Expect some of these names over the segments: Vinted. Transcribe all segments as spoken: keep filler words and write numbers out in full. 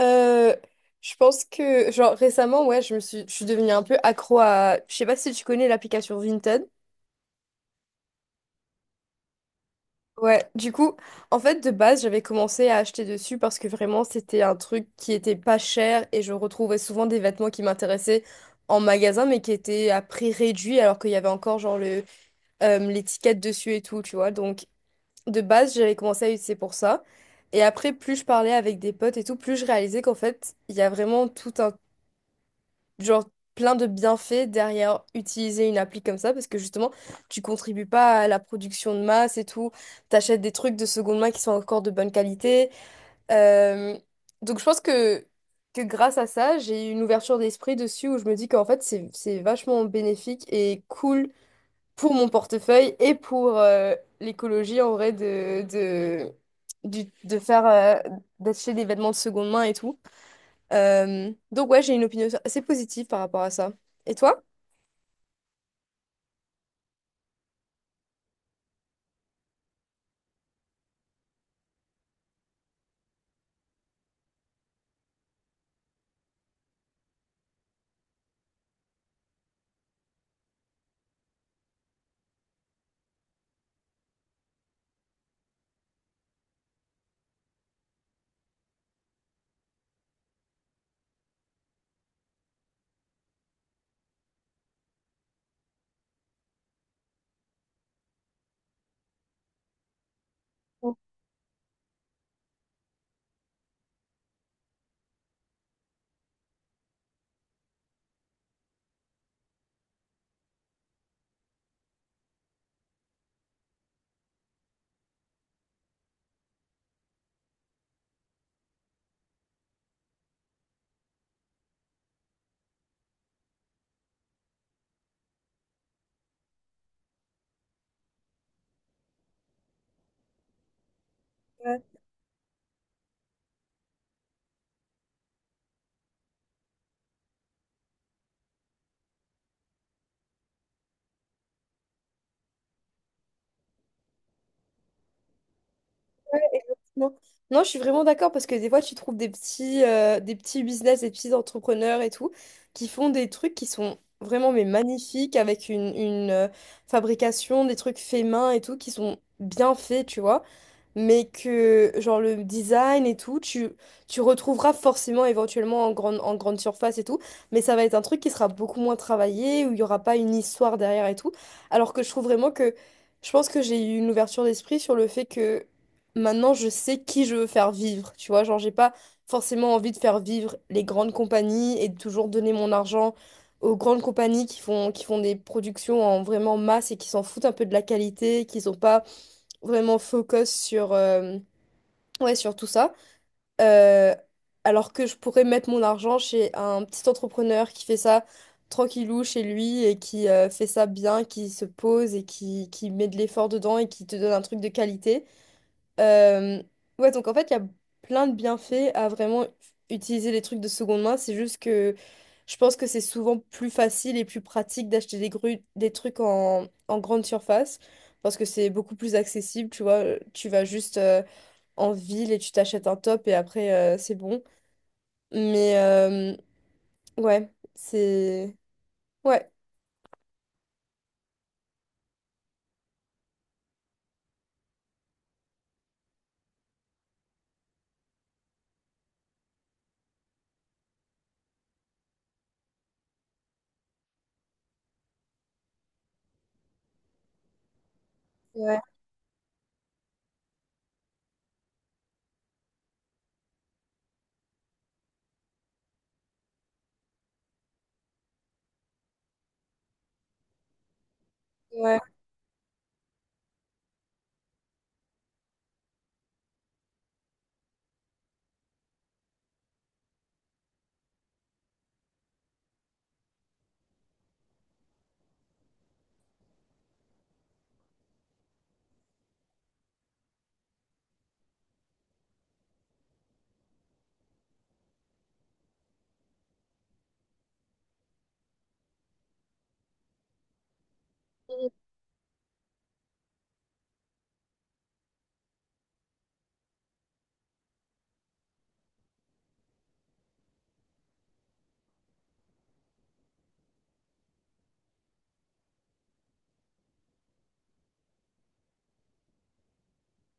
Euh, je pense que, genre, récemment, ouais, je me suis, je suis devenue un peu accro à. Je sais pas si tu connais l'application Vinted. Ouais, du coup, en fait, de base, j'avais commencé à acheter dessus parce que vraiment, c'était un truc qui était pas cher et je retrouvais souvent des vêtements qui m'intéressaient en magasin, mais qui étaient à prix réduit alors qu'il y avait encore, genre, le, euh, l'étiquette dessus et tout, tu vois. Donc, de base, j'avais commencé à utiliser pour ça. Et après, plus je parlais avec des potes et tout, plus je réalisais qu'en fait, il y a vraiment tout un genre plein de bienfaits derrière utiliser une appli comme ça parce que justement tu contribues pas à la production de masse et tout, t'achètes des trucs de seconde main qui sont encore de bonne qualité. Euh, donc je pense que, que grâce à ça, j'ai eu une ouverture d'esprit dessus où je me dis qu'en fait c'est, c'est vachement bénéfique et cool pour mon portefeuille et pour euh, l'écologie en vrai de, de, du- de faire euh, d'acheter des vêtements de seconde main et tout. Euh, donc ouais, j'ai une opinion assez positive par rapport à ça. Et toi? Complètement. Non, Non, je suis vraiment d'accord parce que des fois, tu trouves des petits, euh, des petits business, des petits entrepreneurs et tout, qui font des trucs qui sont vraiment mais magnifiques avec une, une, euh, fabrication, des trucs faits main et tout, qui sont bien faits, tu vois. Mais que genre le design et tout, tu, tu retrouveras forcément éventuellement en grande, en grande surface et tout, mais ça va être un truc qui sera beaucoup moins travaillé, où il n'y aura pas une histoire derrière et tout. Alors que je trouve vraiment que Je pense que j'ai eu une ouverture d'esprit sur le fait que maintenant je sais qui je veux faire vivre, tu vois, genre j'ai pas forcément envie de faire vivre les grandes compagnies et de toujours donner mon argent aux grandes compagnies qui font, qui font des productions en vraiment masse et qui s'en foutent un peu de la qualité, qui sont pas vraiment focus sur, euh, ouais, sur tout ça. Euh, alors que je pourrais mettre mon argent chez un petit entrepreneur qui fait ça tranquillou chez lui et qui euh, fait ça bien, qui se pose et qui, qui met de l'effort dedans et qui te donne un truc de qualité. Euh, ouais, donc en fait, il y a plein de bienfaits à vraiment utiliser les trucs de seconde main. C'est juste que je pense que c'est souvent plus facile et plus pratique d'acheter des gru- des trucs en, en grande surface parce que c'est beaucoup plus accessible, tu vois. Tu vas juste euh, en ville et tu t'achètes un top et après, euh, c'est bon. Mais euh, ouais, c'est... Ouais. Ouais, ouais,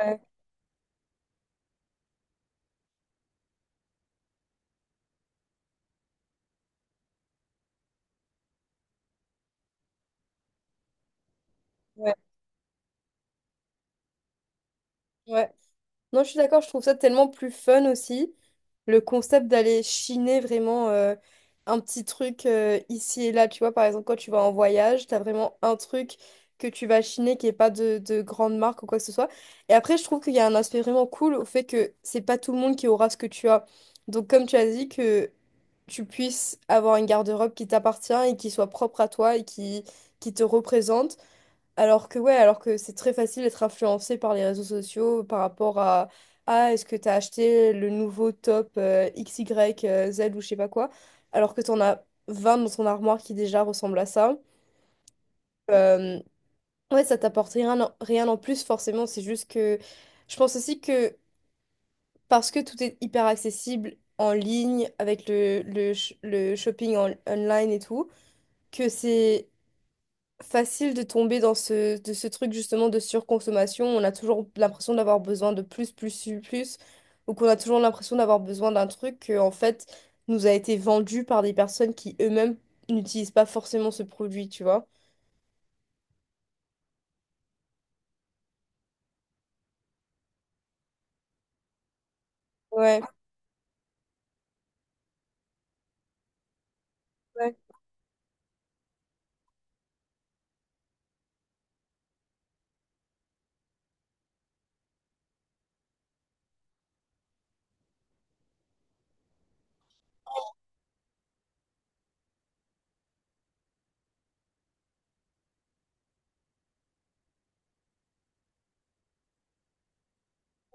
ouais, ouais, ouais. Non, je suis d'accord, je trouve ça tellement plus fun aussi. Le concept d'aller chiner vraiment euh, un petit truc euh, ici et là, tu vois, par exemple, quand tu vas en voyage, t'as vraiment un truc que tu vas chiner qui n'est pas de, de grande marque ou quoi que ce soit. Et après, je trouve qu'il y a un aspect vraiment cool au fait que c'est pas tout le monde qui aura ce que tu as. Donc, comme tu as dit, que tu puisses avoir une garde-robe qui t'appartient et qui soit propre à toi et qui, qui te représente. Alors que ouais, alors que c'est très facile d'être influencé par les réseaux sociaux par rapport à ah est-ce que t'as acheté le nouveau top euh, X Y euh, Z ou je sais pas quoi, alors que t'en as vingt dans ton armoire qui déjà ressemblent à ça. Euh, ouais, ça t'apporte rien, en- rien en plus forcément, c'est juste que je pense aussi que parce que tout est hyper accessible en ligne avec le, le, sh- le shopping en- online et tout, que c'est facile de tomber dans ce, de ce truc justement de surconsommation. On a toujours l'impression d'avoir besoin de plus, plus, plus, plus, ou qu'on a toujours l'impression d'avoir besoin d'un truc que, en fait, nous a été vendu par des personnes qui eux-mêmes n'utilisent pas forcément ce produit, tu vois. Ouais, ouais,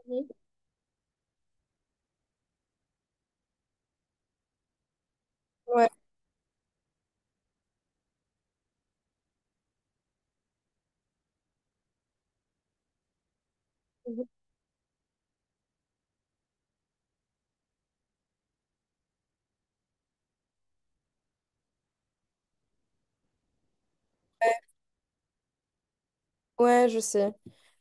mhm, ouais, mhm, ouais, je sais.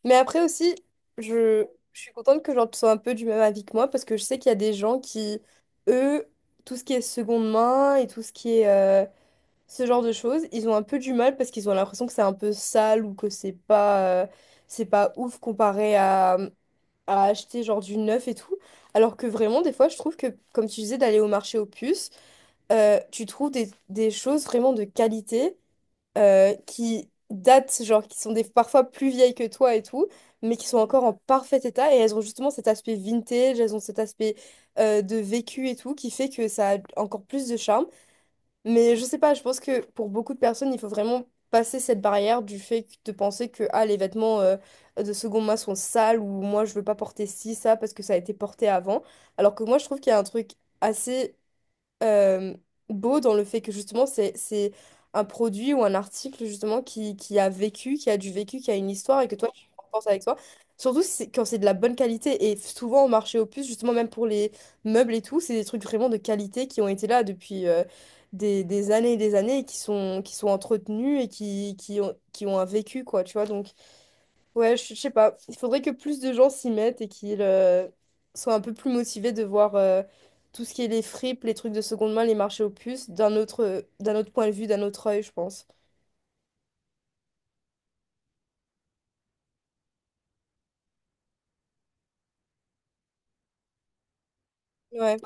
Mais après aussi, je, je suis contente que genre tu sois un peu du même avis que moi parce que je sais qu'il y a des gens qui, eux, tout ce qui est seconde main et tout ce qui est euh, ce genre de choses, ils ont un peu du mal parce qu'ils ont l'impression que c'est un peu sale ou que c'est pas, euh, c'est pas ouf comparé à, à acheter genre du neuf et tout. Alors que vraiment, des fois, je trouve que, comme tu disais, d'aller au marché aux puces, euh, tu trouves des, des choses vraiment de qualité euh, qui datent, genre qui sont des, parfois plus vieilles que toi et tout, mais qui sont encore en parfait état et elles ont justement cet aspect vintage, elles ont cet aspect euh, de vécu et tout qui fait que ça a encore plus de charme. Mais je sais pas, je pense que pour beaucoup de personnes, il faut vraiment passer cette barrière du fait que- de penser que ah, les vêtements euh, de second main sont sales ou moi je veux pas porter ci, ça parce que ça a été porté avant. Alors que moi je trouve qu'il y a un truc assez euh, beau dans le fait que justement c'est c'est un produit ou un article justement qui, qui a vécu, qui a du vécu, qui a une histoire et que toi tu penses avec toi. Surtout si c'est- quand c'est de la bonne qualité et souvent au marché aux puces, justement même pour les meubles et tout, c'est des trucs vraiment de qualité qui ont été là depuis euh, des, des années et des années et qui sont, qui sont entretenus et qui, qui ont, qui ont un vécu quoi, tu vois. Donc ouais, je, je sais pas. Il faudrait que plus de gens s'y mettent et qu'ils euh, soient un peu plus motivés de voir euh, tout ce qui est les fripes, les trucs de seconde main, les marchés aux puces, d'un autre, euh, d'un autre point de vue, d'un autre œil, je pense. Ouais.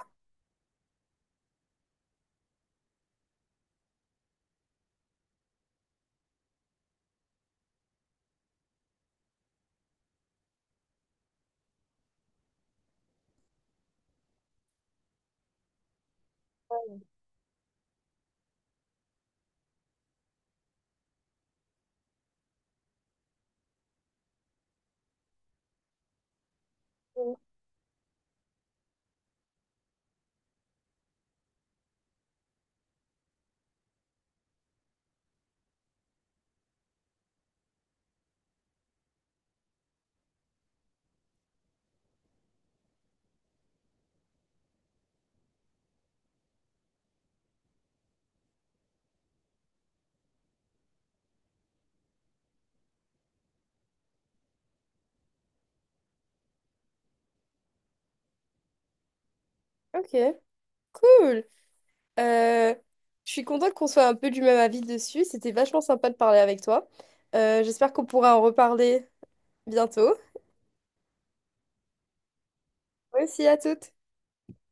Ok, cool. Euh, je suis contente qu'on soit un peu du même avis dessus. C'était vachement sympa de parler avec toi. Euh, j'espère qu'on pourra en reparler bientôt. Merci à toutes.